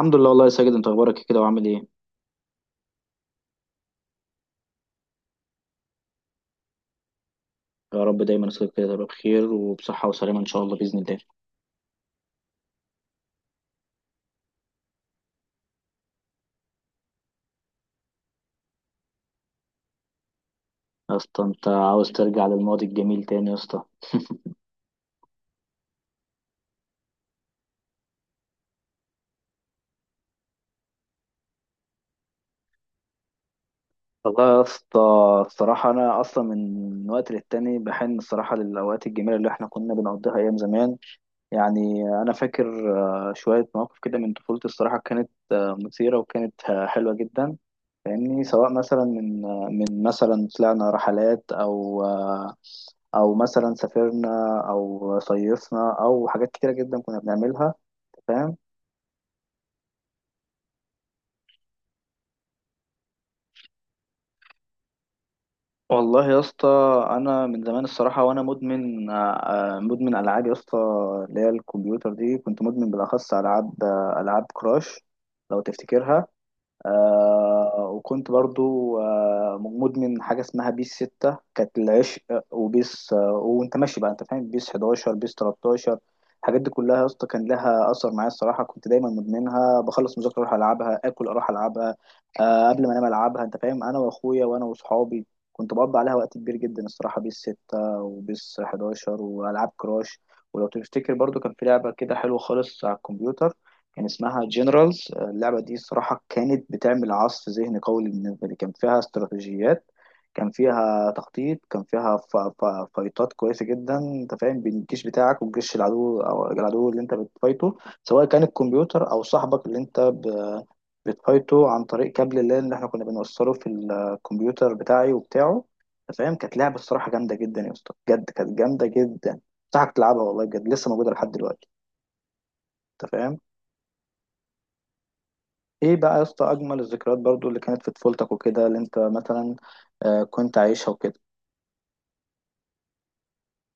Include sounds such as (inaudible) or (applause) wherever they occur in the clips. الحمد لله والله يا ساجد، انت اخبارك ايه كده وعامل ايه؟ يا رب دايما يصيبك كده تبقى بخير وبصحة وسلامة ان شاء الله باذن الله. يا اسطى، انت عاوز ترجع للماضي الجميل تاني يا اسطى؟ والله يا اسطى، الصراحة انا اصلا من وقت للتاني بحن الصراحة للاوقات الجميلة اللي احنا كنا بنقضيها ايام زمان. يعني انا فاكر شوية مواقف كده من طفولتي، الصراحة كانت مثيرة وكانت حلوة جدا. فاهمني؟ سواء مثلا من مثلا طلعنا رحلات، او مثلا سافرنا او صيفنا او حاجات كتيره جدا كنا بنعملها. فاهم؟ والله يا اسطى، انا من زمان الصراحه وانا مدمن العاب يا اسطى، اللي هي الكمبيوتر دي، كنت مدمن بالاخص العاب كراش، لو تفتكرها. وكنت برضو مدمن حاجة اسمها بيس 6، كانت العشق. وبيس وانت ماشي بقى، انت فاهم، بيس 11 بيس 13. الحاجات دي كلها يا اسطى كان لها أثر معايا، الصراحة كنت دايما مدمنها. بخلص مذاكرة أروح ألعبها، آكل أروح ألعبها، قبل ما أنام ألعبها. أنت فاهم، أنا وأخويا وأنا وأصحابي كنت بقضي عليها وقت كبير جدا الصراحة. بيس 6 وبيس 11 وألعاب كراش. ولو تفتكر برضو، كان في لعبة كده حلوة خالص على الكمبيوتر، كان اسمها جنرالز. اللعبة دي الصراحة كانت بتعمل عصف ذهني قوي بالنسبة لي. كان فيها استراتيجيات، كان فيها تخطيط، كان فيها فايتات كويسة جدا. انت فاهم، بين الجيش بتاعك والجيش العدو، او العدو اللي انت بتفايته، سواء كان الكمبيوتر او صاحبك اللي انت بتفايته عن طريق كابل اللان اللي احنا كنا بنوصله في الكمبيوتر بتاعي وبتاعه. انت فاهم؟ كانت لعبة الصراحة جامدة جدا يا اسطى، بجد كانت جامدة جدا. انصحك تلعبها والله بجد، لسه موجودة لحد دلوقتي. انت فاهم؟ ايه بقى يا اسطى اجمل الذكريات برضو اللي كانت في طفولتك وكده، اللي انت مثلا كنت عايشها وكده؟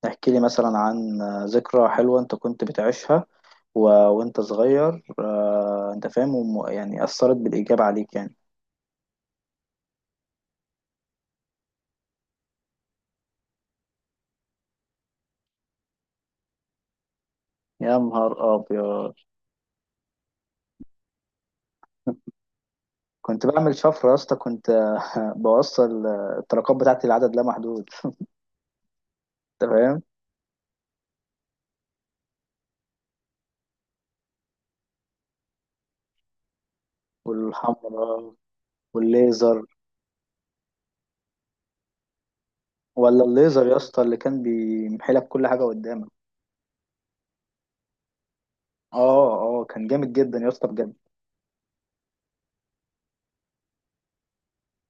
احكي لي مثلا عن ذكرى حلوة انت كنت بتعيشها وانت صغير، انت فاهم، يعني اثرت بالايجاب عليك يعني. يا نهار ابيض! كنت بعمل شفرة يا اسطى، كنت (laughs) بوصل الطلقات بتاعتي لعدد لا محدود. انت فاهم؟ والحمراء والليزر. ولا الليزر يا اسطى اللي كان بيمحي لك كل حاجة قدامك. اه، اه، كان جامد جدا يا اسطى بجد.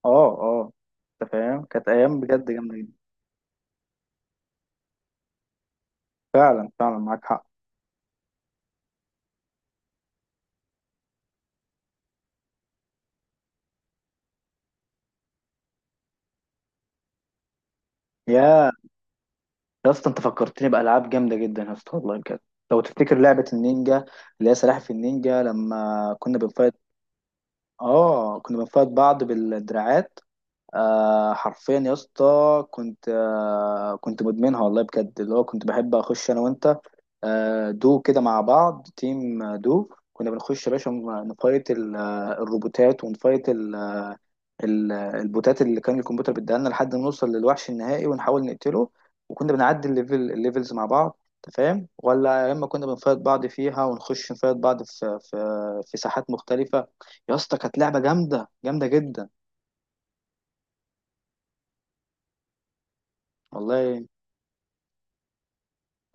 اه، اه، انت فاهم، كانت ايام بجد جامده جدا. فعلا فعلا معاك حق. يا يا اسطى انت فكرتني بالعاب جامده جدا يا اسطى والله بجد. لو تفتكر لعبه النينجا اللي هي سلاحف النينجا، لما كنا بنفايت. اه، كنا بنفايت بعض بالدراعات. حرفيا يا اسطى كنت كنت مدمنها والله بجد. اللي هو كنت بحب اخش انا وانت دو كده مع بعض، تيم دو. كنا بنخش يا باشا نفايت الروبوتات، ونفايت البوتات اللي كان الكمبيوتر بيديها لنا لحد ما نوصل للوحش النهائي ونحاول نقتله. وكنا بنعدي الليفل الليفلز مع بعض، انت فاهم؟ ولا يا اما كنا بنفايت بعض فيها، ونخش نفايت بعض في ساحات مختلفة. يا اسطى كانت لعبة جامدة جامدة جدا. والله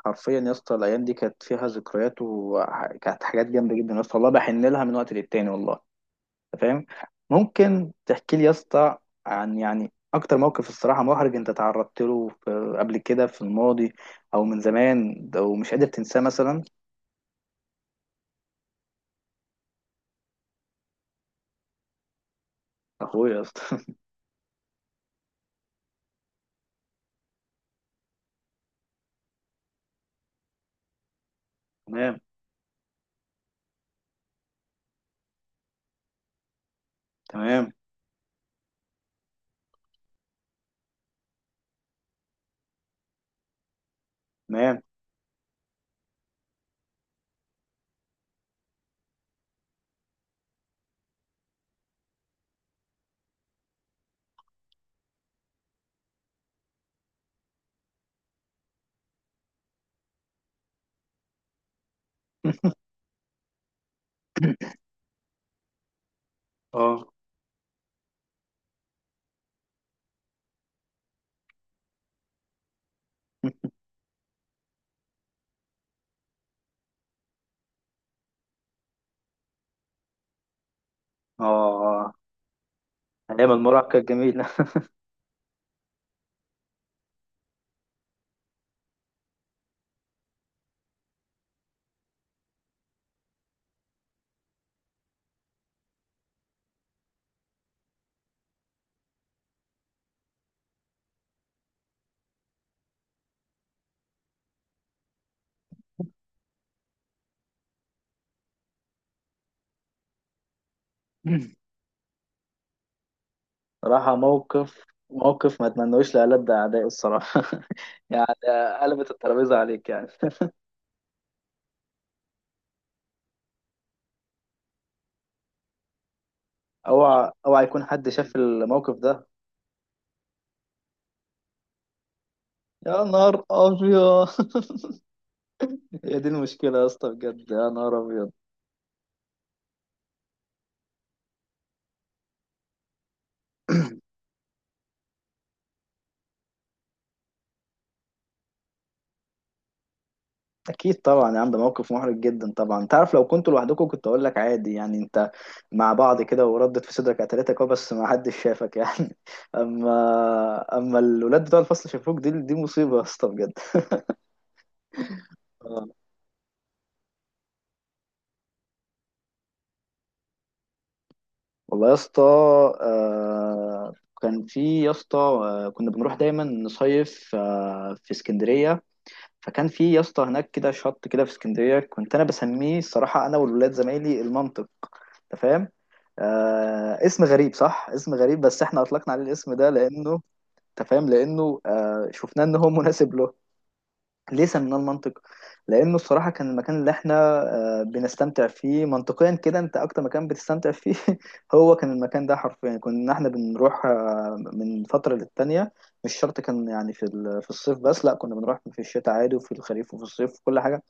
حرفيا يا اسطى، الايام دي كانت فيها ذكريات وكانت حاجات جامدة جدا يا اسطى، والله بحن لها من وقت للتاني والله. أنت فاهم؟ ممكن تحكي لي يا اسطى عن يعني اكتر موقف الصراحه محرج انت تعرضت له في قبل كده في الماضي، او من زمان، او مش قادر تنساه مثلا؟ اخويا يا اسطى (laughs) تمام، تمام، تمام. (laughs) اه، اه، ايام المراهقه الجميله. (laughs) صراحه موقف، موقف ما اتمنوش لألد اعدائي الصراحه (laughs) يعني قلبت الترابيزه عليك يعني (laughs) اوعى اوعى يكون حد شاف الموقف ده! يا نهار ابيض (laughs) هي دي المشكلة يا اسطى بجد، يا نهار أبيض. أكيد طبعا يا عم، ده موقف محرج جدا طبعا. أنت عارف، لو كنتوا لوحدكم كنت أقول لك عادي، يعني أنت مع بعض كده وردت في صدرك قتلتك. أه بس ما حدش شافك يعني (laughs) أما الولاد بتوع الفصل شافوك، دي مصيبة يا اسطى بجد. آه. والله يا اسطى، آه كان في يا اسطى كنا بنروح دايما نصيف في اسكندرية. فكان في يا اسطى هناك كده شط كده في اسكندرية، كنت أنا بسميه الصراحة أنا والولاد زمايلي المنطق. انت فاهم؟ اسم غريب صح، اسم غريب، بس احنا اطلقنا عليه الاسم ده لانه، انت فاهم، لانه شفناه ان هو مناسب له. ليه سميناه المنطق؟ لانه الصراحه كان المكان اللي احنا بنستمتع فيه منطقيا كده، انت اكتر مكان بتستمتع فيه. (laughs) هو كان المكان ده حرفيا كنا احنا بنروح من فتره للتانيه. مش شرط كان يعني في الصيف بس، لا، كنا بنروح في الشتاء عادي وفي الخريف وفي الصيف وكل حاجه.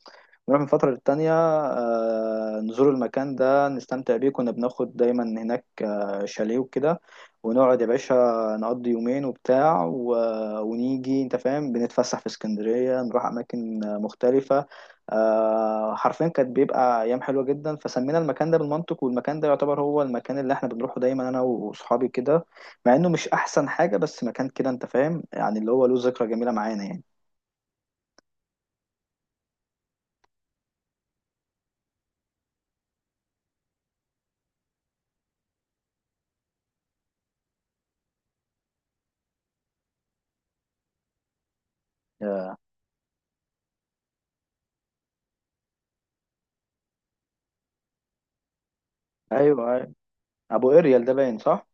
نروح من فترة للتانية، نزور المكان ده، نستمتع بيه. كنا بناخد دايما هناك شاليه وكده، ونقعد يا باشا نقضي يومين وبتاع ونيجي، انت فاهم، بنتفسح في اسكندرية، نروح أماكن مختلفة. حرفيا كانت بيبقى أيام حلوة جدا. فسمينا المكان ده بالمنطق، والمكان ده يعتبر هو المكان اللي احنا بنروحه دايما أنا وصحابي كده، مع إنه مش أحسن حاجة، بس مكان كده انت فاهم، يعني اللي هو له ذكرى جميلة معانا يعني. آه، أيوه أيوة. أبو إريال ده باين، صح؟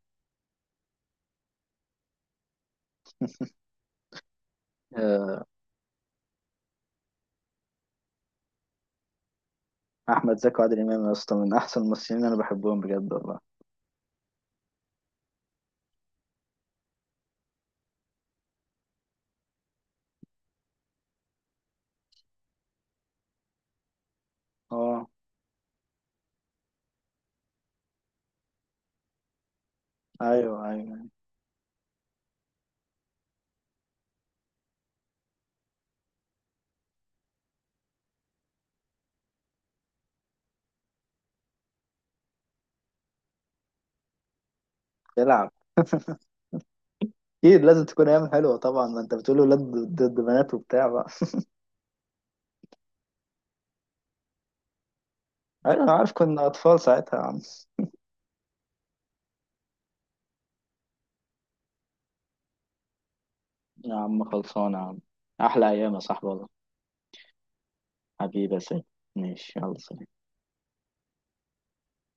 احمد زكي وعادل امام يا اسطى من احسن الممثلين اللي انا بحبهم بجد والله. اه، ايوه، ايوه، يلعب. اكيد لازم تكون ايام حلوه طبعا، ما انت بتقول ولاد ضد بنات وبتاع بقى. ايوه انا عارف كنا اطفال ساعتها يا عم. يا عم خلصانه يا عم، احلى ايام يا صاحبي والله. حبيبي يا سيد. ماشي، يلا سلام.